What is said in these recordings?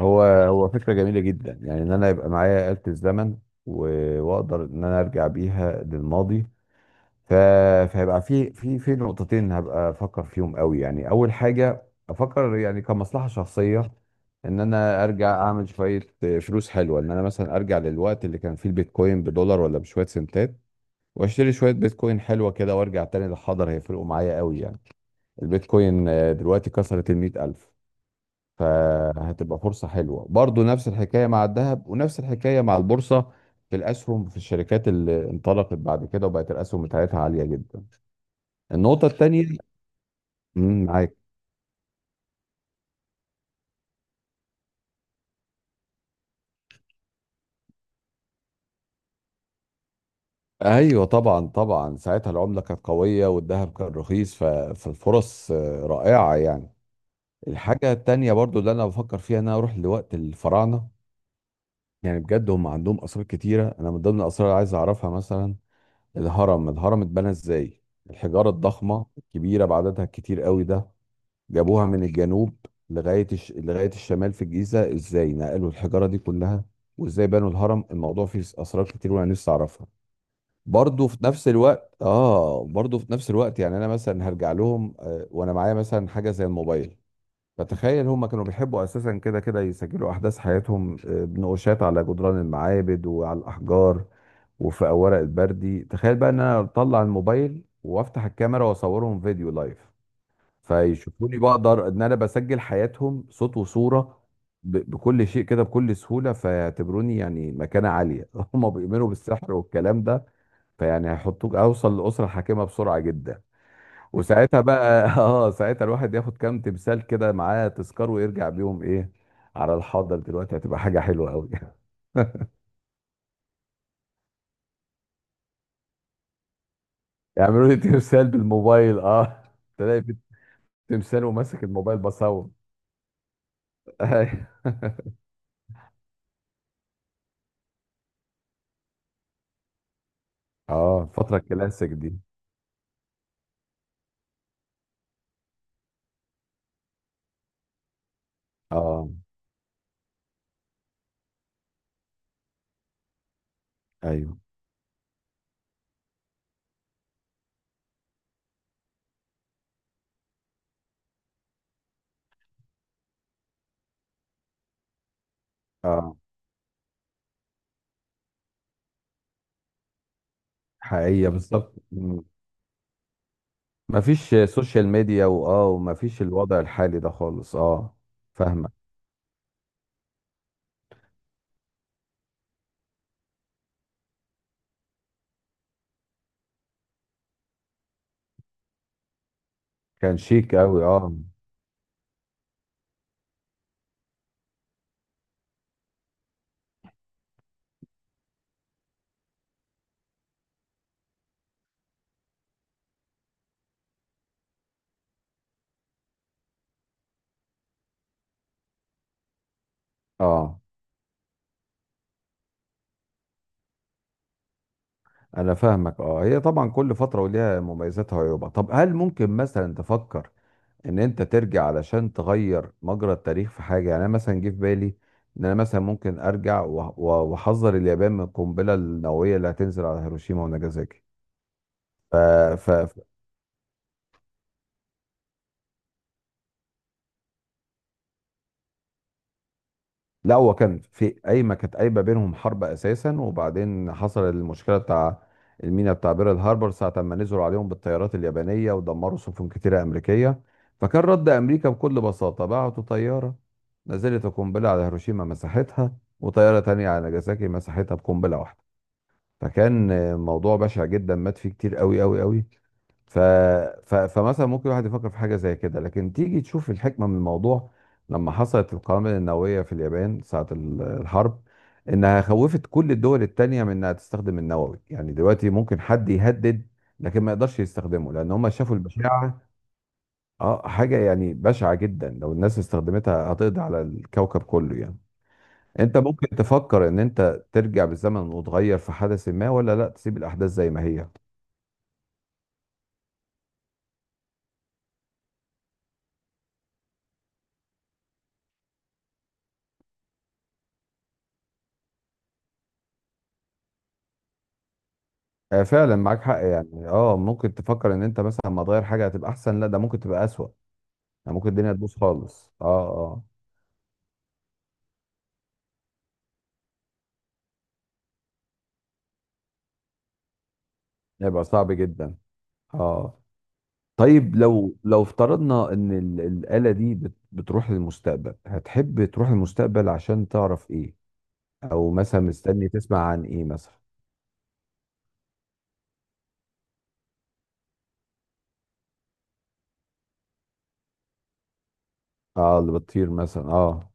هو فكرة جميلة جدا، يعني ان انا يبقى معايا آلة الزمن واقدر ان انا ارجع بيها للماضي. ف... فهيبقى في نقطتين هبقى افكر فيهم قوي. يعني اول حاجة افكر، يعني كمصلحة شخصية، ان انا ارجع اعمل شوية فلوس حلوة، ان انا مثلا ارجع للوقت اللي كان فيه البيتكوين بدولار ولا بشوية سنتات واشتري شوية بيتكوين حلوة كده وارجع تاني للحاضر، هيفرقوا معايا قوي يعني. البيتكوين دلوقتي كسرت 100 ألف. فهتبقى فرصة حلوة برضو، نفس الحكاية مع الذهب ونفس الحكاية مع البورصة، في الأسهم في الشركات اللي انطلقت بعد كده وبقت الأسهم بتاعتها عالية جدا. النقطة التانية. مم، معاك. أيوة طبعا طبعا، ساعتها العملة كانت قوية والذهب كان رخيص. فالفرص رائعة يعني. الحاجة التانية برضو اللي أنا بفكر فيها إن أنا أروح لوقت الفراعنة، يعني بجد هم عندهم أسرار كتيرة. أنا من ضمن الأسرار اللي عايز أعرفها مثلا الهرم اتبنى ازاي، الحجارة الضخمة الكبيرة بعددها الكتير قوي ده جابوها من الجنوب لغاية الشمال في الجيزة. ازاي نقلوا الحجارة دي كلها وازاي بنوا الهرم؟ الموضوع فيه اسرار كتير وانا نفسي اعرفها. برضه في نفس الوقت، يعني انا مثلا هرجع لهم وانا معايا مثلا حاجة زي الموبايل. فتخيل هم كانوا بيحبوا اساسا كده كده يسجلوا احداث حياتهم بنقوشات على جدران المعابد وعلى الاحجار وفي اوراق البردي. تخيل بقى ان انا اطلع الموبايل وافتح الكاميرا واصورهم فيديو لايف، فيشوفوني بقدر ان انا بسجل حياتهم صوت وصورة بكل شيء كده بكل سهولة، فيعتبروني يعني مكانة عالية. هم بيؤمنوا بالسحر والكلام ده، فيعني هيحطوك اوصل لأسرة حاكمة بسرعة جدا. وساعتها بقى اه، ساعتها الواحد ياخد كام تمثال كده معاه تذكار ويرجع بيهم ايه على الحاضر دلوقتي، هتبقى حاجة حلوة قوي. يعملوا لي تمثال بالموبايل، اه. تلاقي في تمثال وماسك الموبايل بصور. اه، الفترة الكلاسيك دي. اه. ايوه. اه. حقيقية بالظبط، مم. مفيش سوشيال ميديا، واه، ومفيش الوضع الحالي ده خالص، اه. فاهمة. كان شيك قوي، اه. اه. انا فاهمك، اه. هي طبعا كل فتره وليها مميزاتها وعيوبها. طب هل ممكن مثلا تفكر ان انت ترجع علشان تغير مجرى التاريخ في حاجه؟ يعني انا مثلا جه في بالي ان انا مثلا ممكن ارجع واحذر اليابان من القنبله النوويه اللي هتنزل على هيروشيما وناجازاكي. لا، هو كان في قايمه، كانت قايمه بينهم حرب اساسا، وبعدين حصل المشكله بتاع المينا بتاع بيرل هاربر، ساعه ما نزلوا عليهم بالطيارات اليابانيه ودمروا سفن كتيره امريكيه. فكان رد امريكا بكل بساطه، بعتوا طياره نزلت القنبله على هيروشيما مساحتها وطياره تانية على ناجازاكي مساحتها بقنبله واحده. فكان موضوع بشع جدا، مات فيه كتير قوي قوي قوي. ف... فمثلا ممكن الواحد يفكر في حاجة زي كده، لكن تيجي تشوف الحكمة من الموضوع لما حصلت القنابل النووية في اليابان ساعة الحرب، إنها خوفت كل الدول التانية من إنها تستخدم النووي. يعني دلوقتي ممكن حد يهدد لكن ما يقدرش يستخدمه لأن هم شافوا البشاعة. اه، حاجة يعني بشعة جدا، لو الناس استخدمتها هتقضي على الكوكب كله يعني. انت ممكن تفكر ان انت ترجع بالزمن وتغير في حدث ما، ولا لا، تسيب الاحداث زي ما هي؟ فعلا معاك حق يعني. اه، ممكن تفكر ان انت مثلا ما تغير حاجه هتبقى احسن، لا، ده ممكن تبقى اسوأ. يعني ممكن الدنيا تبوظ خالص، اه اه. يبقى صعب جدا، اه. طيب لو لو افترضنا ان الآلة دي بتروح للمستقبل، هتحب تروح للمستقبل عشان تعرف ايه؟ او مثلا مستني تسمع عن ايه مثلا؟ اه، اللي بتطير مثلا، اه.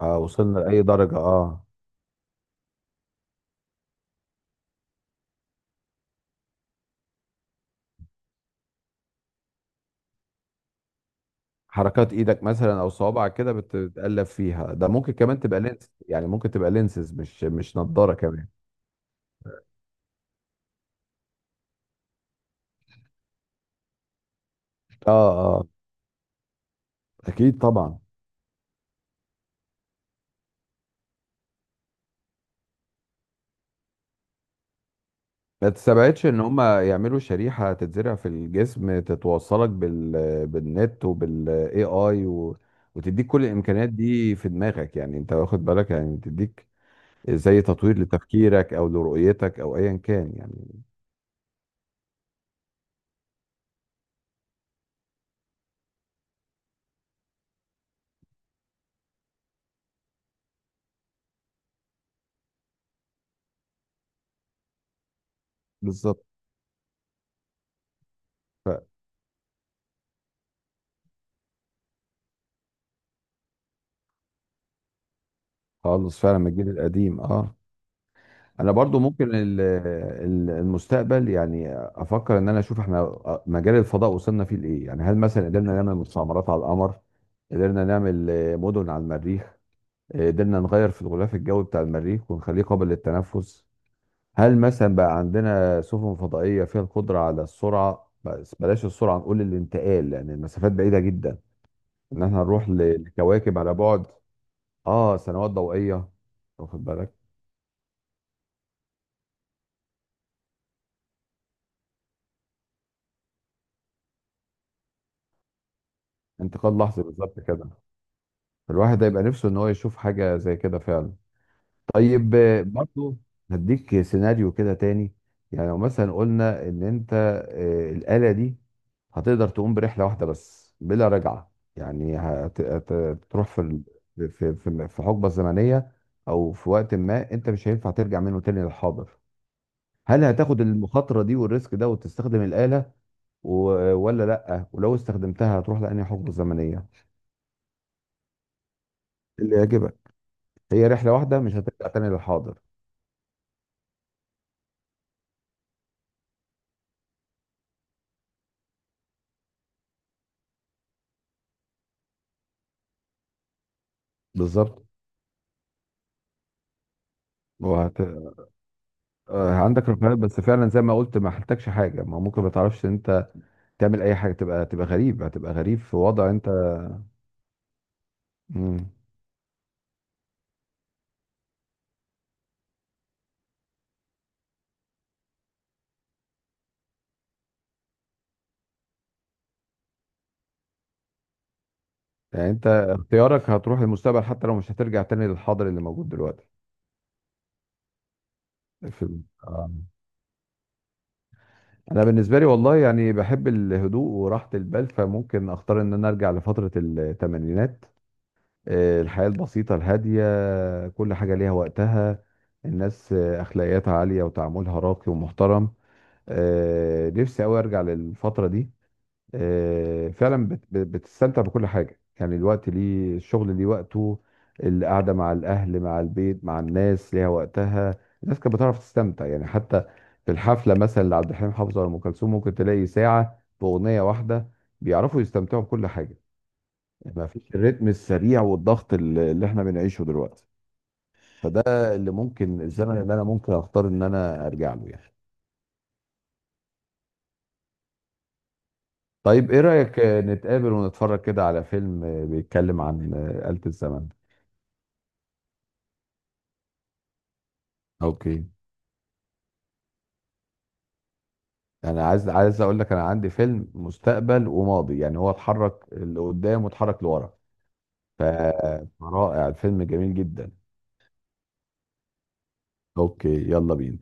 اه، وصلنا لأي درجة، اه. حركات ايدك مثلا او صوابعك كده بتتقلب فيها. ده ممكن كمان تبقى لينس، يعني ممكن تبقى لينسز، مش نضارة كمان. اه. اه. اكيد طبعا. ما تستبعدش ان هم يعملوا شريحه تتزرع في الجسم تتوصلك بال بالنت وبالاي اي وتديك كل الامكانيات دي في دماغك، يعني انت واخد بالك، يعني تديك زي تطوير لتفكيرك او لرؤيتك او ايا كان يعني. بالظبط. ف- خالص فعلا، من الجيل القديم، اه. انا برضو ممكن المستقبل، يعني افكر ان انا اشوف احنا مجال الفضاء وصلنا فيه لايه. يعني هل مثلا قدرنا نعمل مستعمرات على القمر؟ قدرنا نعمل مدن على المريخ؟ قدرنا نغير في الغلاف الجوي بتاع المريخ ونخليه قابل للتنفس؟ هل مثلا بقى عندنا سفن فضائية فيها القدرة على السرعة، بس بلاش السرعة نقول الانتقال لان المسافات بعيدة جدا، ان احنا نروح لكواكب على بعد اه سنوات ضوئية، واخد بالك؟ انتقال لحظي بالظبط كده. الواحد هيبقى نفسه ان هو يشوف حاجه زي كده فعلا. طيب برضو هديك سيناريو كده تاني. يعني لو مثلا قلنا ان انت الاله دي هتقدر تقوم برحله واحده بس بلا رجعه، يعني هتروح في في حقبه زمنيه، او في وقت ما انت مش هينفع ترجع منه تاني للحاضر. هل هتاخد المخاطره دي والريسك ده وتستخدم الاله ولا لا؟ ولو استخدمتها هتروح لانهي حقبه زمنيه؟ اللي يعجبك. هي رحله واحده مش هترجع تاني للحاضر. بالظبط. وهت... عندك رفاهيات، بس فعلا زي ما قلت، ما حلتكش حاجه، ما ممكن ما تعرفش ان انت تعمل اي حاجه، تبقى غريب، هتبقى غريب في وضع انت. مم. يعني انت اختيارك هتروح للمستقبل حتى لو مش هترجع تاني للحاضر اللي موجود دلوقتي. في... ال- آه. انا بالنسبه لي، والله، يعني بحب الهدوء وراحه البال، فممكن اختار ان انا ارجع لفتره الثمانينات. الحياه البسيطه الهاديه، كل حاجه ليها وقتها. الناس اخلاقياتها عاليه وتعاملها راقي ومحترم. نفسي قوي ارجع للفتره دي. فعلا بتستمتع بكل حاجه. يعني الوقت ليه، الشغل ليه وقته، القعده مع الاهل مع البيت مع الناس ليها وقتها. الناس كانت بتعرف تستمتع يعني، حتى في الحفله مثلا لعبد الحليم حافظ ولا ام كلثوم ممكن تلاقي ساعه باغنيه واحده، بيعرفوا يستمتعوا بكل حاجه. يعني ما فيش الريتم السريع والضغط اللي احنا بنعيشه دلوقتي. فده اللي ممكن الزمن اللي انا ممكن اختار ان انا ارجع له يعني. طيب ايه رأيك نتقابل ونتفرج كده على فيلم بيتكلم عن آلة الزمن؟ اوكي. انا عايز اقول لك انا عندي فيلم مستقبل وماضي، يعني هو اتحرك لقدام واتحرك لورا. ف- فرائع، الفيلم جميل جدا. اوكي، يلا بينا.